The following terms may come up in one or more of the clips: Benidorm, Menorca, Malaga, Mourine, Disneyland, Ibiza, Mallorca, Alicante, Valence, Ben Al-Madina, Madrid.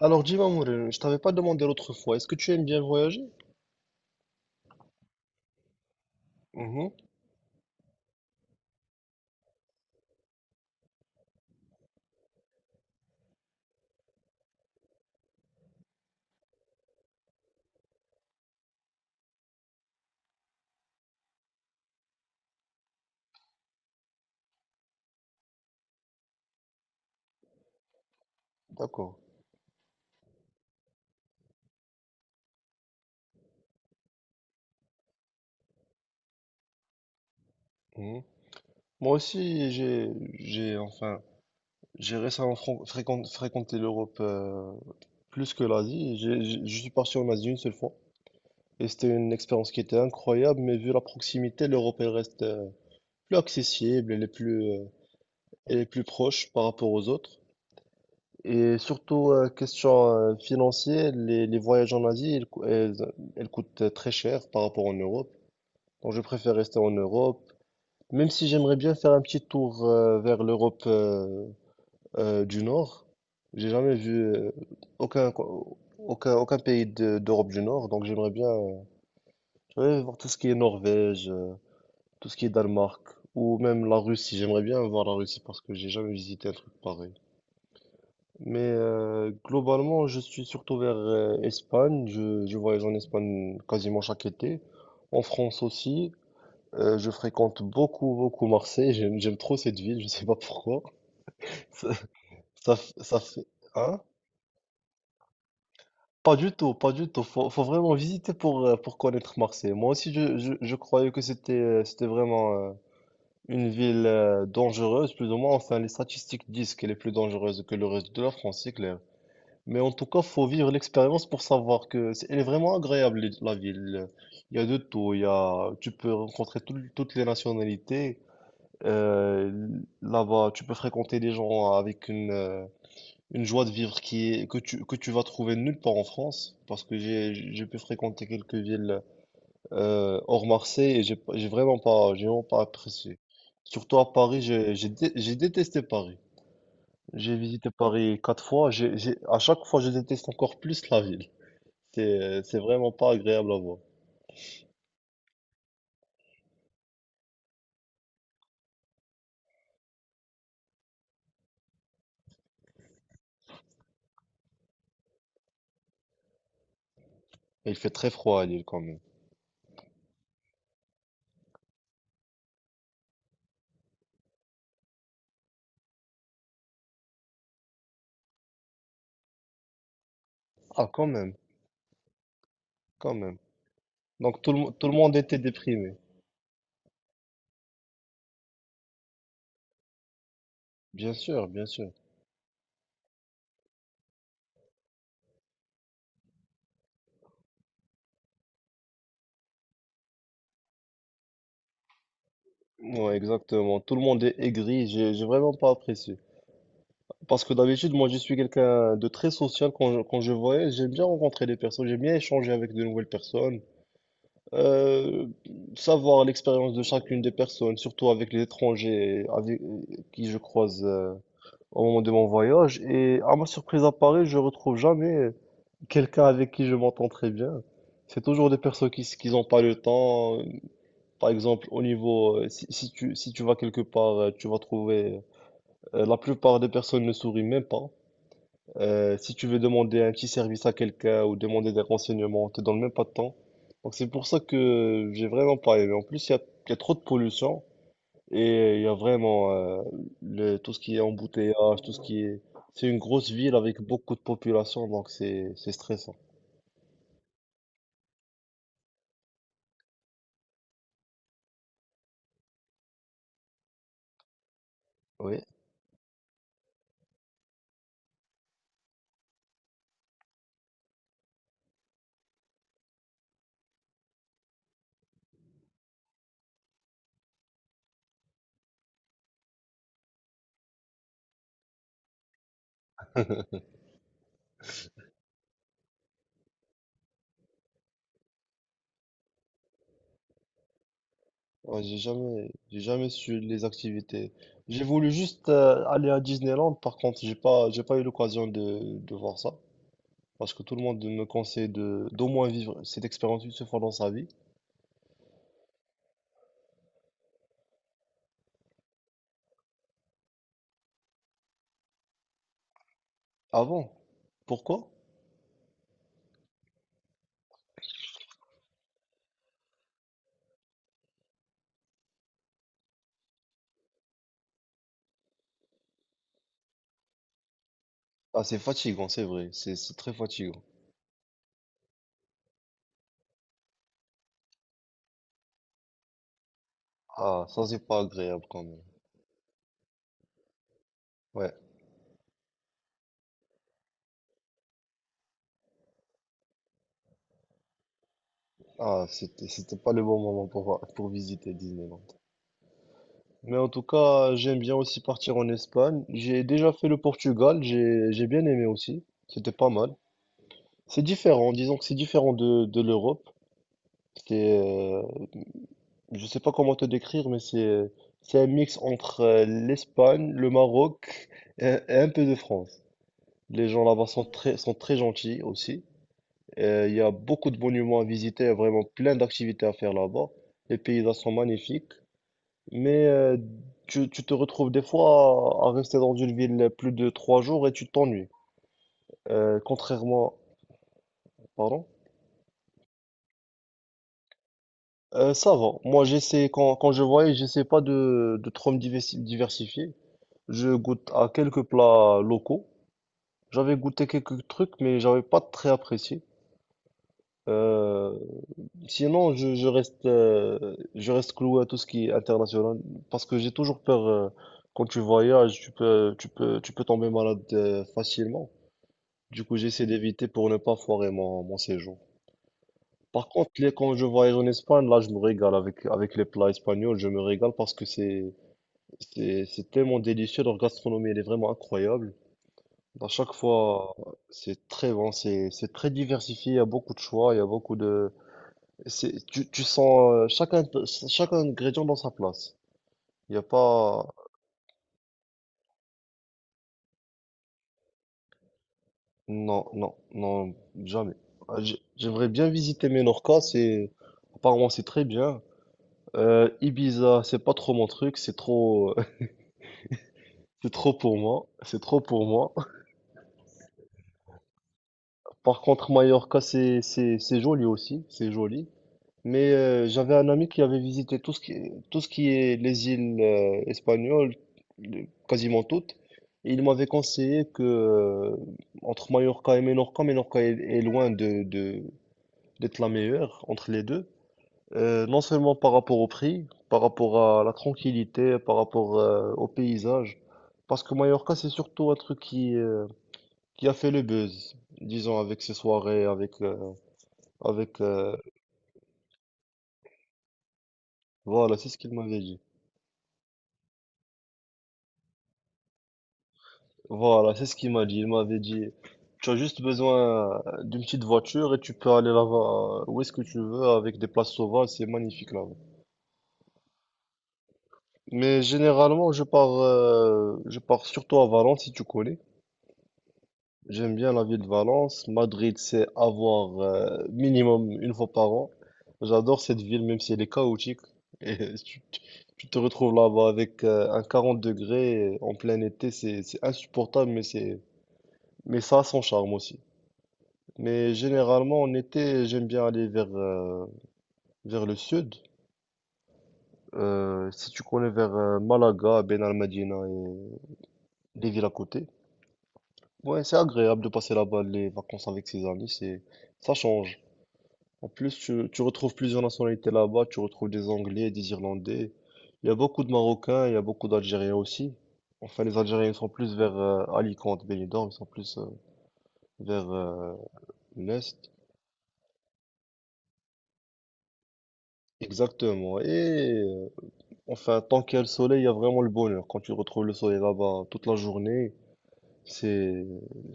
Alors dis-moi, Mourine, je t'avais pas demandé l'autre fois, est-ce que tu aimes bien voyager? Mhm, d'accord. Mhm. Moi aussi, enfin, j'ai récemment fréquenté l'Europe, plus que l'Asie. Je suis parti en Asie une seule fois et c'était une expérience qui était incroyable, mais vu la proximité, l'Europe elle reste plus accessible, elle est plus proche par rapport aux autres. Et surtout, question financière, les voyages en Asie, elles coûtent très cher par rapport en Europe. Donc je préfère rester en Europe, même si j'aimerais bien faire un petit tour vers l'Europe du Nord. J'ai jamais vu aucun, co- aucun, aucun pays d'Europe du Nord, donc j'aimerais bien, ouais, voir tout ce qui est Norvège, tout ce qui est Danemark, ou même la Russie. J'aimerais bien voir la Russie parce que j'ai jamais visité un truc pareil. Mais globalement, je suis surtout vers Espagne. Je voyage en Espagne quasiment chaque été. En France aussi. Je fréquente beaucoup, beaucoup Marseille. J'aime trop cette ville. Je sais pas pourquoi. Ça fait, hein? Pas du tout, pas du tout. Faut vraiment visiter pour connaître Marseille. Moi aussi, je croyais que c'était vraiment une ville dangereuse, plus ou moins. Enfin, les statistiques disent qu'elle est plus dangereuse que le reste de la France, c'est clair. Mais en tout cas, faut vivre l'expérience pour savoir que elle est vraiment agréable, la ville. Il y a de tout. Tu peux rencontrer toutes les nationalités. Là-bas, tu peux fréquenter des gens avec une joie de vivre que tu vas trouver nulle part en France, parce que j'ai pu fréquenter quelques villes hors Marseille et j'ai, pas- j'ai vraiment pas, j'ai vraiment pas apprécié. Surtout à Paris, j'ai détesté Paris. J'ai visité Paris 4 fois, à chaque fois, je déteste encore plus la ville. C'est vraiment pas agréable à voir. Et il fait très froid à Lille quand même. Ah, quand même, quand même. Donc tout le monde était déprimé. Bien sûr, bien sûr. Ouais, exactement. Tout le monde est aigri. J'ai vraiment pas apprécié. Parce que d'habitude, moi, je suis quelqu'un de très social quand je voyage. J'aime bien rencontrer des personnes. J'aime bien échanger avec de nouvelles personnes. Euh, Savoir l'expérience de chacune des personnes, surtout avec les étrangers avec qui je croise, au moment de mon voyage. Et à ma surprise à Paris, je retrouve jamais quelqu'un avec qui je m'entends très bien. C'est toujours des personnes qui n'ont pas le temps. Par exemple, au niveau, si tu vas quelque part, la plupart des personnes ne sourient même pas. Si tu veux demander un petit service à quelqu'un ou demander des renseignements, on te donne même pas de temps. Donc c'est pour ça que j'ai vraiment pas aimé. En plus, il y a trop de pollution et il y a vraiment, tout ce qui est embouteillage, tout ce qui est. C'est une grosse ville avec beaucoup de population, donc c'est stressant. Oui. Ouais, j'ai jamais su les activités. J'ai voulu juste aller à Disneyland, par contre, j'ai pas eu l'occasion de voir ça. Parce que tout le monde me conseille d'au moins vivre cette expérience une seule fois dans sa vie. Avant. Pourquoi? Ah, c'est fatigant, c'est vrai. C'est très fatigant. Ah, ça, c'est pas agréable quand même. Ouais. Ah, c'était pas le bon moment pour visiter Disneyland. Mais en tout cas, j'aime bien aussi partir en Espagne. J'ai déjà fait le Portugal, j'ai bien aimé aussi. C'était pas mal. C'est différent, disons que c'est différent de l'Europe. C'est, euh, je sais pas comment te décrire, mais c'est un mix entre l'Espagne, le Maroc et, un peu de France. Les gens là-bas sont très gentils aussi. Il y a beaucoup de monuments à visiter, il y a vraiment plein d'activités à faire là-bas. Les paysages sont magnifiques, mais tu te retrouves des fois à rester dans une ville plus de 3 jours et tu t'ennuies. Euh, contrairement, pardon? Ça va. Moi, j'essaie, quand je voyage, j'essaie pas de trop me diversifier. Je goûte à quelques plats locaux. J'avais goûté quelques trucs, mais j'avais pas très apprécié. Euh, Sinon, je reste cloué à tout ce qui est international, parce que j'ai toujours peur, quand tu voyages, tu peux tomber malade, facilement. Du coup, j'essaie d'éviter pour ne pas foirer mon séjour. Par contre, quand je voyage en Espagne, là, je me régale avec les plats espagnols, je me régale parce que c'est tellement délicieux, leur gastronomie, elle est vraiment incroyable. À chaque fois, c'est très bon, c'est très diversifié, il y a beaucoup de choix, il y a beaucoup de. Tu, tu sens chaque ingrédient dans sa place. Il n'y a pas. Non, non, non, jamais. Ah, j'aimerais bien visiter Menorca, c'est. Apparemment, c'est très bien. Ibiza, c'est pas trop mon truc, c'est trop. C'est trop pour moi, c'est trop pour moi. Par contre, Mallorca, c'est joli aussi, c'est joli. Mais j'avais un ami qui avait visité tout ce qui est les îles, espagnoles, quasiment toutes. Et il m'avait conseillé que entre Mallorca et Menorca, Menorca est loin d'être la meilleure entre les deux. Non seulement par rapport au prix, par rapport à la tranquillité, par rapport au paysage. Parce que Mallorca, c'est surtout un truc qui a fait le buzz, disons, avec ses soirées, avec, avec voilà, c'est ce qu'il m'avait dit. Voilà, c'est ce qu'il m'a dit. Il m'avait dit, tu as juste besoin d'une petite voiture et tu peux aller là-bas où est-ce que tu veux avec des places sauvages, c'est magnifique là-bas. Mais généralement, je pars surtout à Valence si tu connais. J'aime bien la ville de Valence. Madrid, c'est à voir minimum une fois par an. J'adore cette ville, même si elle est chaotique. Et tu te retrouves là-bas avec un 40 degrés en plein été, c'est insupportable, mais c'est mais ça a son charme aussi. Mais généralement, en été, j'aime bien aller vers le sud. Si tu connais vers Malaga, Ben Al-Madina et les villes à côté. Ouais, c'est agréable de passer là-bas les vacances avec ses amis, ça change. En plus, tu retrouves plusieurs nationalités là-bas, tu retrouves des Anglais, des Irlandais. Il y a beaucoup de Marocains, il y a beaucoup d'Algériens aussi. Enfin, les Algériens sont plus vers Alicante, Benidorm, ils sont plus vers l'Est. Exactement. Enfin, tant qu'il y a le soleil, il y a vraiment le bonheur. Quand tu retrouves le soleil là-bas toute la journée, c'est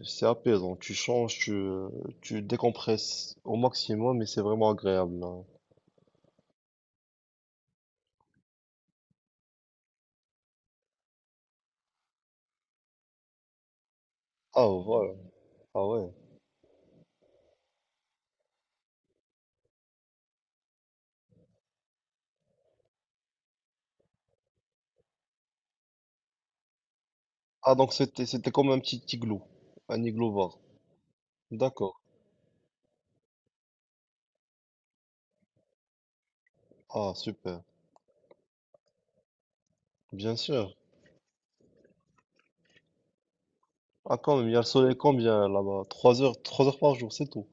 c'est apaisant. Tu changes, tu décompresses au maximum et c'est vraiment agréable, hein. Ah voilà, ah ouais. Ah donc c'était comme un petit igloo, un igloo bar. D'accord. Ah super, bien sûr. Ah quand même, il y a le soleil combien là-bas? Trois heures, 3 heures par jour, c'est tout.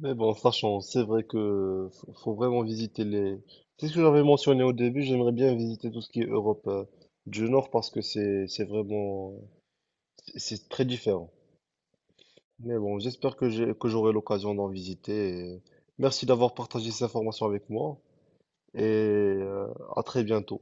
Mais bon, sachant, c'est vrai que faut vraiment visiter les. C'est ce que j'avais mentionné au début, j'aimerais bien visiter tout ce qui est Europe, du Nord, parce que c'est très différent. Mais bon, j'espère que j'ai que j'aurai l'occasion d'en visiter. Et merci d'avoir partagé ces informations avec moi et, à très bientôt.